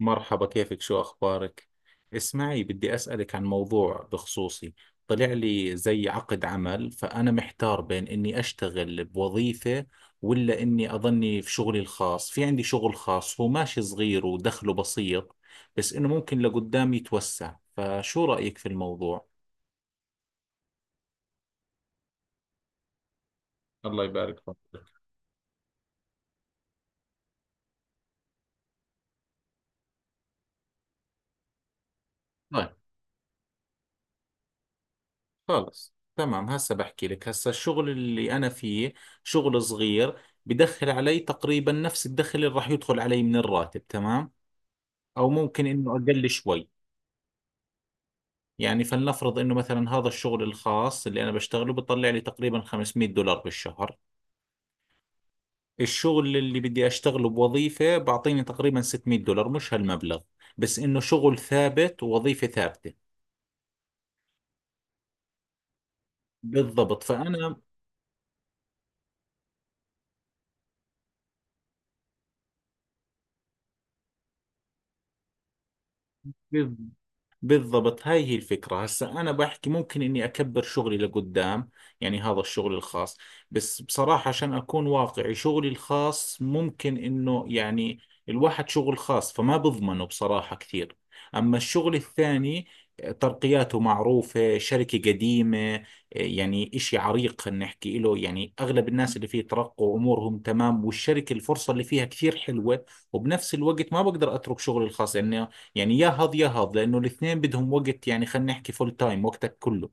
مرحبا، كيفك؟ شو أخبارك؟ اسمعي، بدي أسألك عن موضوع بخصوصي. طلع لي زي عقد عمل، فأنا محتار بين إني أشتغل بوظيفة ولا إني أظني في شغلي الخاص. في عندي شغل خاص هو ماشي صغير ودخله بسيط، بس إنه ممكن لقدام يتوسع. فشو رأيك في الموضوع؟ الله يبارك فيك. طيب، خلص تمام. هسه بحكي لك. هسه الشغل اللي أنا فيه شغل صغير، بدخل علي تقريبا نفس الدخل اللي راح يدخل علي من الراتب، تمام، أو ممكن إنه أقل شوي. يعني فلنفرض إنه مثلا هذا الشغل الخاص اللي أنا بشتغله بطلع لي تقريبا $500 بالشهر. الشغل اللي بدي أشتغله بوظيفة بعطيني تقريبا $600، مش هالمبلغ، بس إنه شغل ثابت ووظيفة ثابتة. بالضبط. فأنا بالضبط، هاي هي الفكرة. هسا أنا بحكي ممكن إني أكبر شغلي لقدام، يعني هذا الشغل الخاص. بس بصراحة عشان أكون واقعي، شغلي الخاص ممكن إنه يعني الواحد شغل خاص فما بضمنه بصراحة كثير. أما الشغل الثاني ترقياته معروفة، شركة قديمة، يعني إشي عريق، خلينا نحكي إله، يعني أغلب الناس اللي فيه ترقوا أمورهم تمام، والشركة الفرصة اللي فيها كثير حلوة. وبنفس الوقت ما بقدر أترك شغلي الخاص، لأنه يعني يا هض لأنه الاثنين بدهم وقت. يعني خلينا نحكي فول تايم وقتك كله.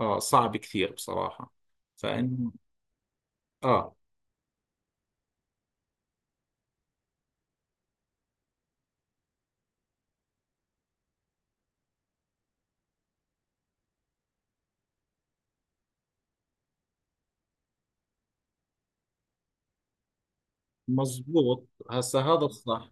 آه، صعب كثير بصراحة. فإن آه، مزبوط، هسا هذا الصح.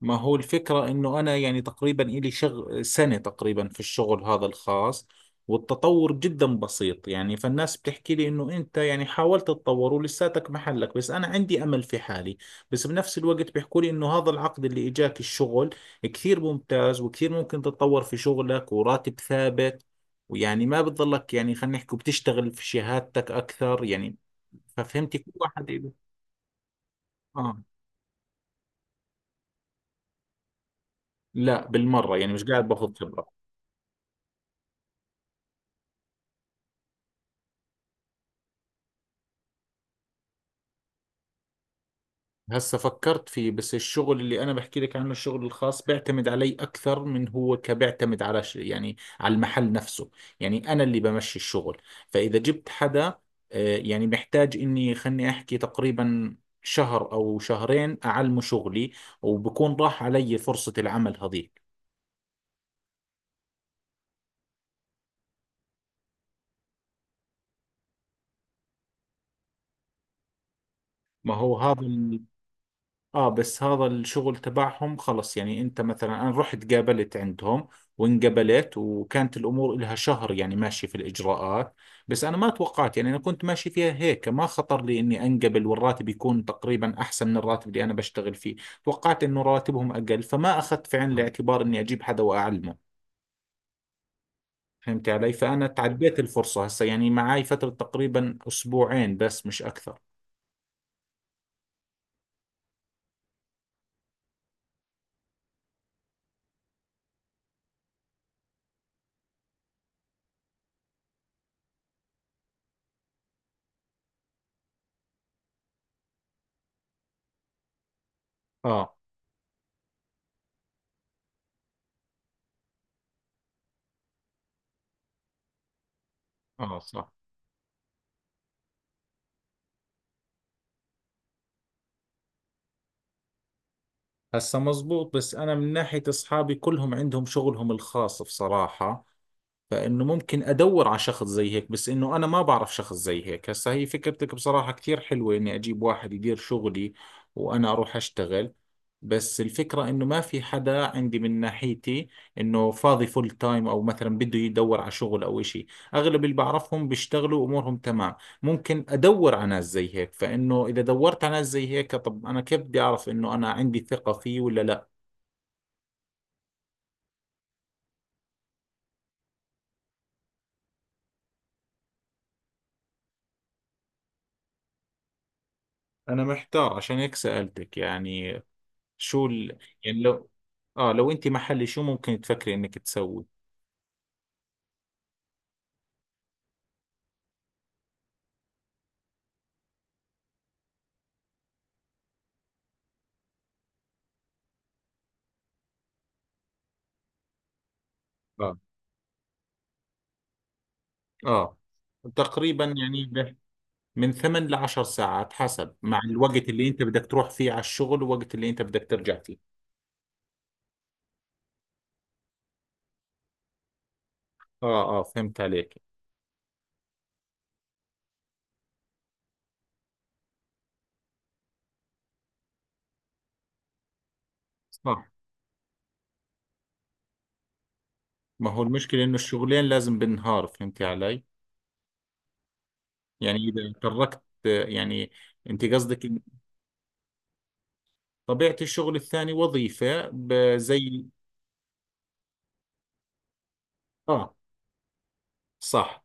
ما هو الفكرة انه انا يعني تقريبا الي سنة تقريبا في الشغل هذا الخاص، والتطور جدا بسيط. يعني فالناس بتحكي لي انه انت يعني حاولت تتطور ولساتك محلك، بس انا عندي امل في حالي. بس بنفس الوقت بيحكوا لي انه هذا العقد اللي اجاك، الشغل كثير ممتاز وكثير ممكن تتطور في شغلك وراتب ثابت، ويعني ما بتضلك، يعني خلينا نحكي بتشتغل في شهادتك اكثر يعني. ففهمتي كل واحد اه. لا بالمرة، يعني مش قاعد باخذ خبرة. هسه فكرت فيه، بس الشغل اللي انا بحكي لك عنه الشغل الخاص بيعتمد علي اكثر من هو، كبيعتمد على يعني على المحل نفسه. يعني انا اللي بمشي الشغل. فاذا جبت حدا، يعني محتاج اني، خلني احكي تقريبا شهر او شهرين، اعلمه شغلي، وبكون راح علي فرصة العمل هذيك. ما هو هذا. اه، بس هذا الشغل تبعهم خلص، يعني انت مثلا انا رحت قابلت عندهم وانقبلت، وكانت الامور لها شهر يعني ماشي في الاجراءات. بس انا ما توقعت، يعني انا كنت ماشي فيها هيك، ما خطر لي اني انقبل والراتب يكون تقريبا احسن من الراتب اللي انا بشتغل فيه. توقعت انه راتبهم اقل، فما اخذت في عين الاعتبار اني اجيب حدا واعلمه. فهمت علي. فانا تعديت الفرصة. هسه يعني معاي فترة تقريبا اسبوعين بس، مش اكثر. اه. اه، صح. هسا مزبوط. بس أنا من ناحية أصحابي كلهم عندهم شغلهم الخاص بصراحة، فانه ممكن ادور على شخص زي هيك، بس انه انا ما بعرف شخص زي هيك. هسا هي فكرتك بصراحة كثير حلوة، اني اجيب واحد يدير شغلي وانا اروح اشتغل. بس الفكرة انه ما في حدا عندي من ناحيتي انه فاضي فول تايم، او مثلا بده يدور على شغل او اشي. اغلب اللي بعرفهم بيشتغلوا امورهم تمام. ممكن ادور على ناس زي هيك، فانه اذا دورت على ناس زي هيك، طب انا كيف بدي اعرف انه انا عندي ثقة فيه ولا لا؟ انا محتار عشان هيك سألتك. يعني شو يعني لو، اه، لو انت محلي شو ممكن تفكري انك تسوي؟ اه. اه، تقريبا يعني من ثمان لعشر ساعات، حسب مع الوقت اللي انت بدك تروح فيه على الشغل والوقت اللي انت بدك ترجع فيه. اه. اه، فهمت عليك. صح. ما هو المشكلة انه الشغلين لازم بالنهار، فهمتي علي؟ يعني اذا تركت يعني. انت قصدك إن طبيعة الشغل الثاني وظيفة زي. اه، صح.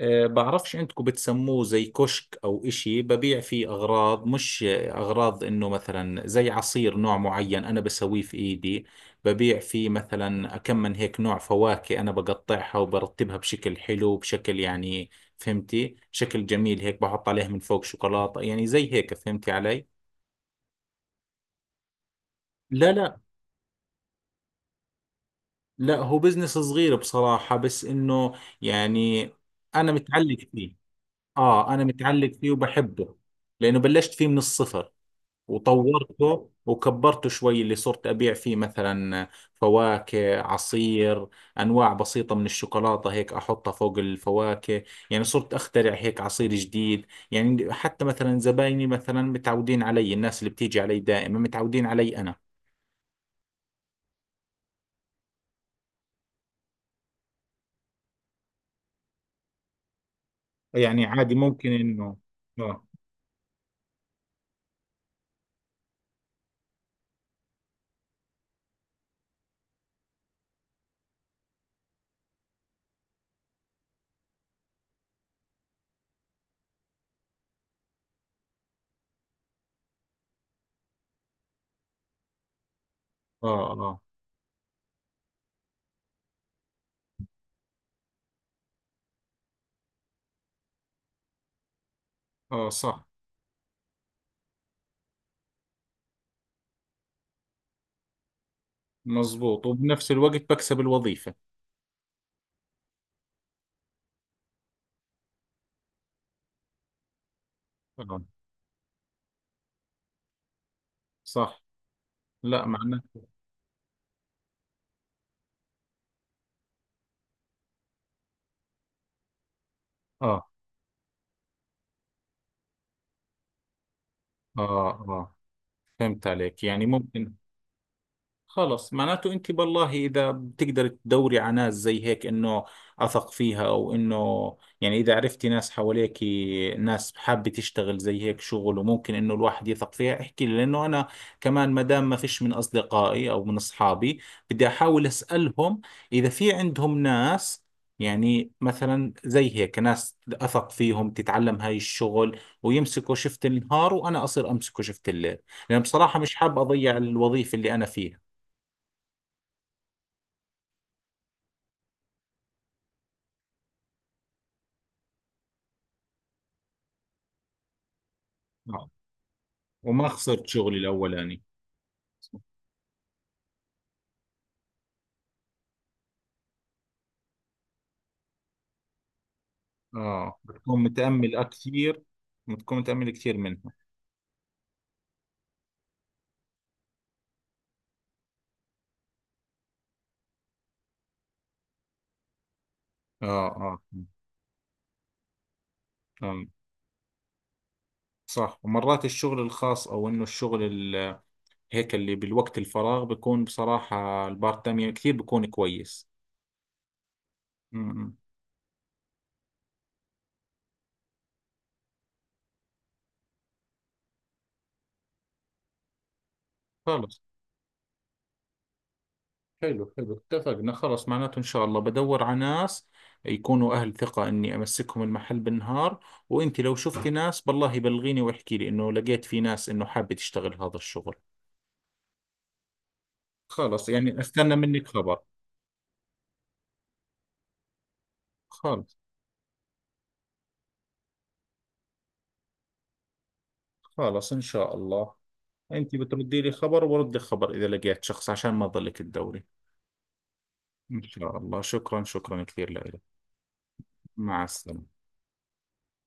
أه، بعرفش عندكم بتسموه زي كشك أو إشي، ببيع فيه أغراض، مش أغراض، إنه مثلا زي عصير نوع معين أنا بسويه في إيدي. ببيع فيه مثلا كم من هيك نوع فواكه، أنا بقطعها وبرتبها بشكل حلو، بشكل يعني، فهمتي، شكل جميل هيك، بحط عليها من فوق شوكولاتة، يعني زي هيك، فهمتي علي؟ لا، لا، هو بزنس صغير بصراحة، بس إنه يعني أنا متعلق فيه. آه، أنا متعلق فيه وبحبه، لأنه بلشت فيه من الصفر وطورته وكبرته شوي. اللي صرت أبيع فيه مثلا فواكه، عصير، أنواع بسيطة من الشوكولاتة هيك أحطها فوق الفواكه. يعني صرت أخترع هيك عصير جديد، يعني حتى مثلا زبايني مثلا متعودين علي، الناس اللي بتيجي علي دائما متعودين علي أنا. يعني عادي ممكن إنه آه آه آه آه. صح. مزبوط، وبنفس الوقت بكسب الوظيفة. آه، صح. لا، معناته آه آه، فهمت عليك، يعني ممكن. خلص، معناته انت بالله اذا بتقدر تدوري على ناس زي هيك انه اثق فيها، او انه يعني اذا عرفتي ناس حواليك، ناس حابه تشتغل زي هيك شغل وممكن انه الواحد يثق فيها، احكي لي. لانه انا كمان ما دام ما فيش من اصدقائي او من اصحابي، بدي احاول اسالهم اذا في عندهم ناس، يعني مثلا زي هيك ناس اثق فيهم تتعلم هاي الشغل، ويمسكوا شفت النهار وانا اصير امسكه شفت الليل، لان بصراحه مش حاب اضيع الوظيفه اللي انا فيها. آه. وما خسرت شغلي الأولاني. اه، بتكون متأمل كثير. بتكون متأمل كثير منها. اه. اه، فهمت. صح، ومرات الشغل الخاص او انه الشغل ال- هيك اللي بالوقت الفراغ بيكون، بصراحة البارت تايم كثير بيكون كويس. امم. خلص، حلو حلو، اتفقنا. خلص، معناته ان شاء الله بدور على ناس يكونوا اهل ثقة اني امسكهم المحل بالنهار. وانت لو شفتي ناس بالله بلغيني واحكي لي انه لقيت في ناس انه حابة تشتغل هذا الشغل. خلص، يعني استنى منك خبر. خلص خلص، ان شاء الله. انت بتردي لي خبر، وبردك خبر اذا لقيت شخص، عشان ما تضلك تدوري. ان شاء الله. شكرا، شكرا كثير لك. مع السلامة.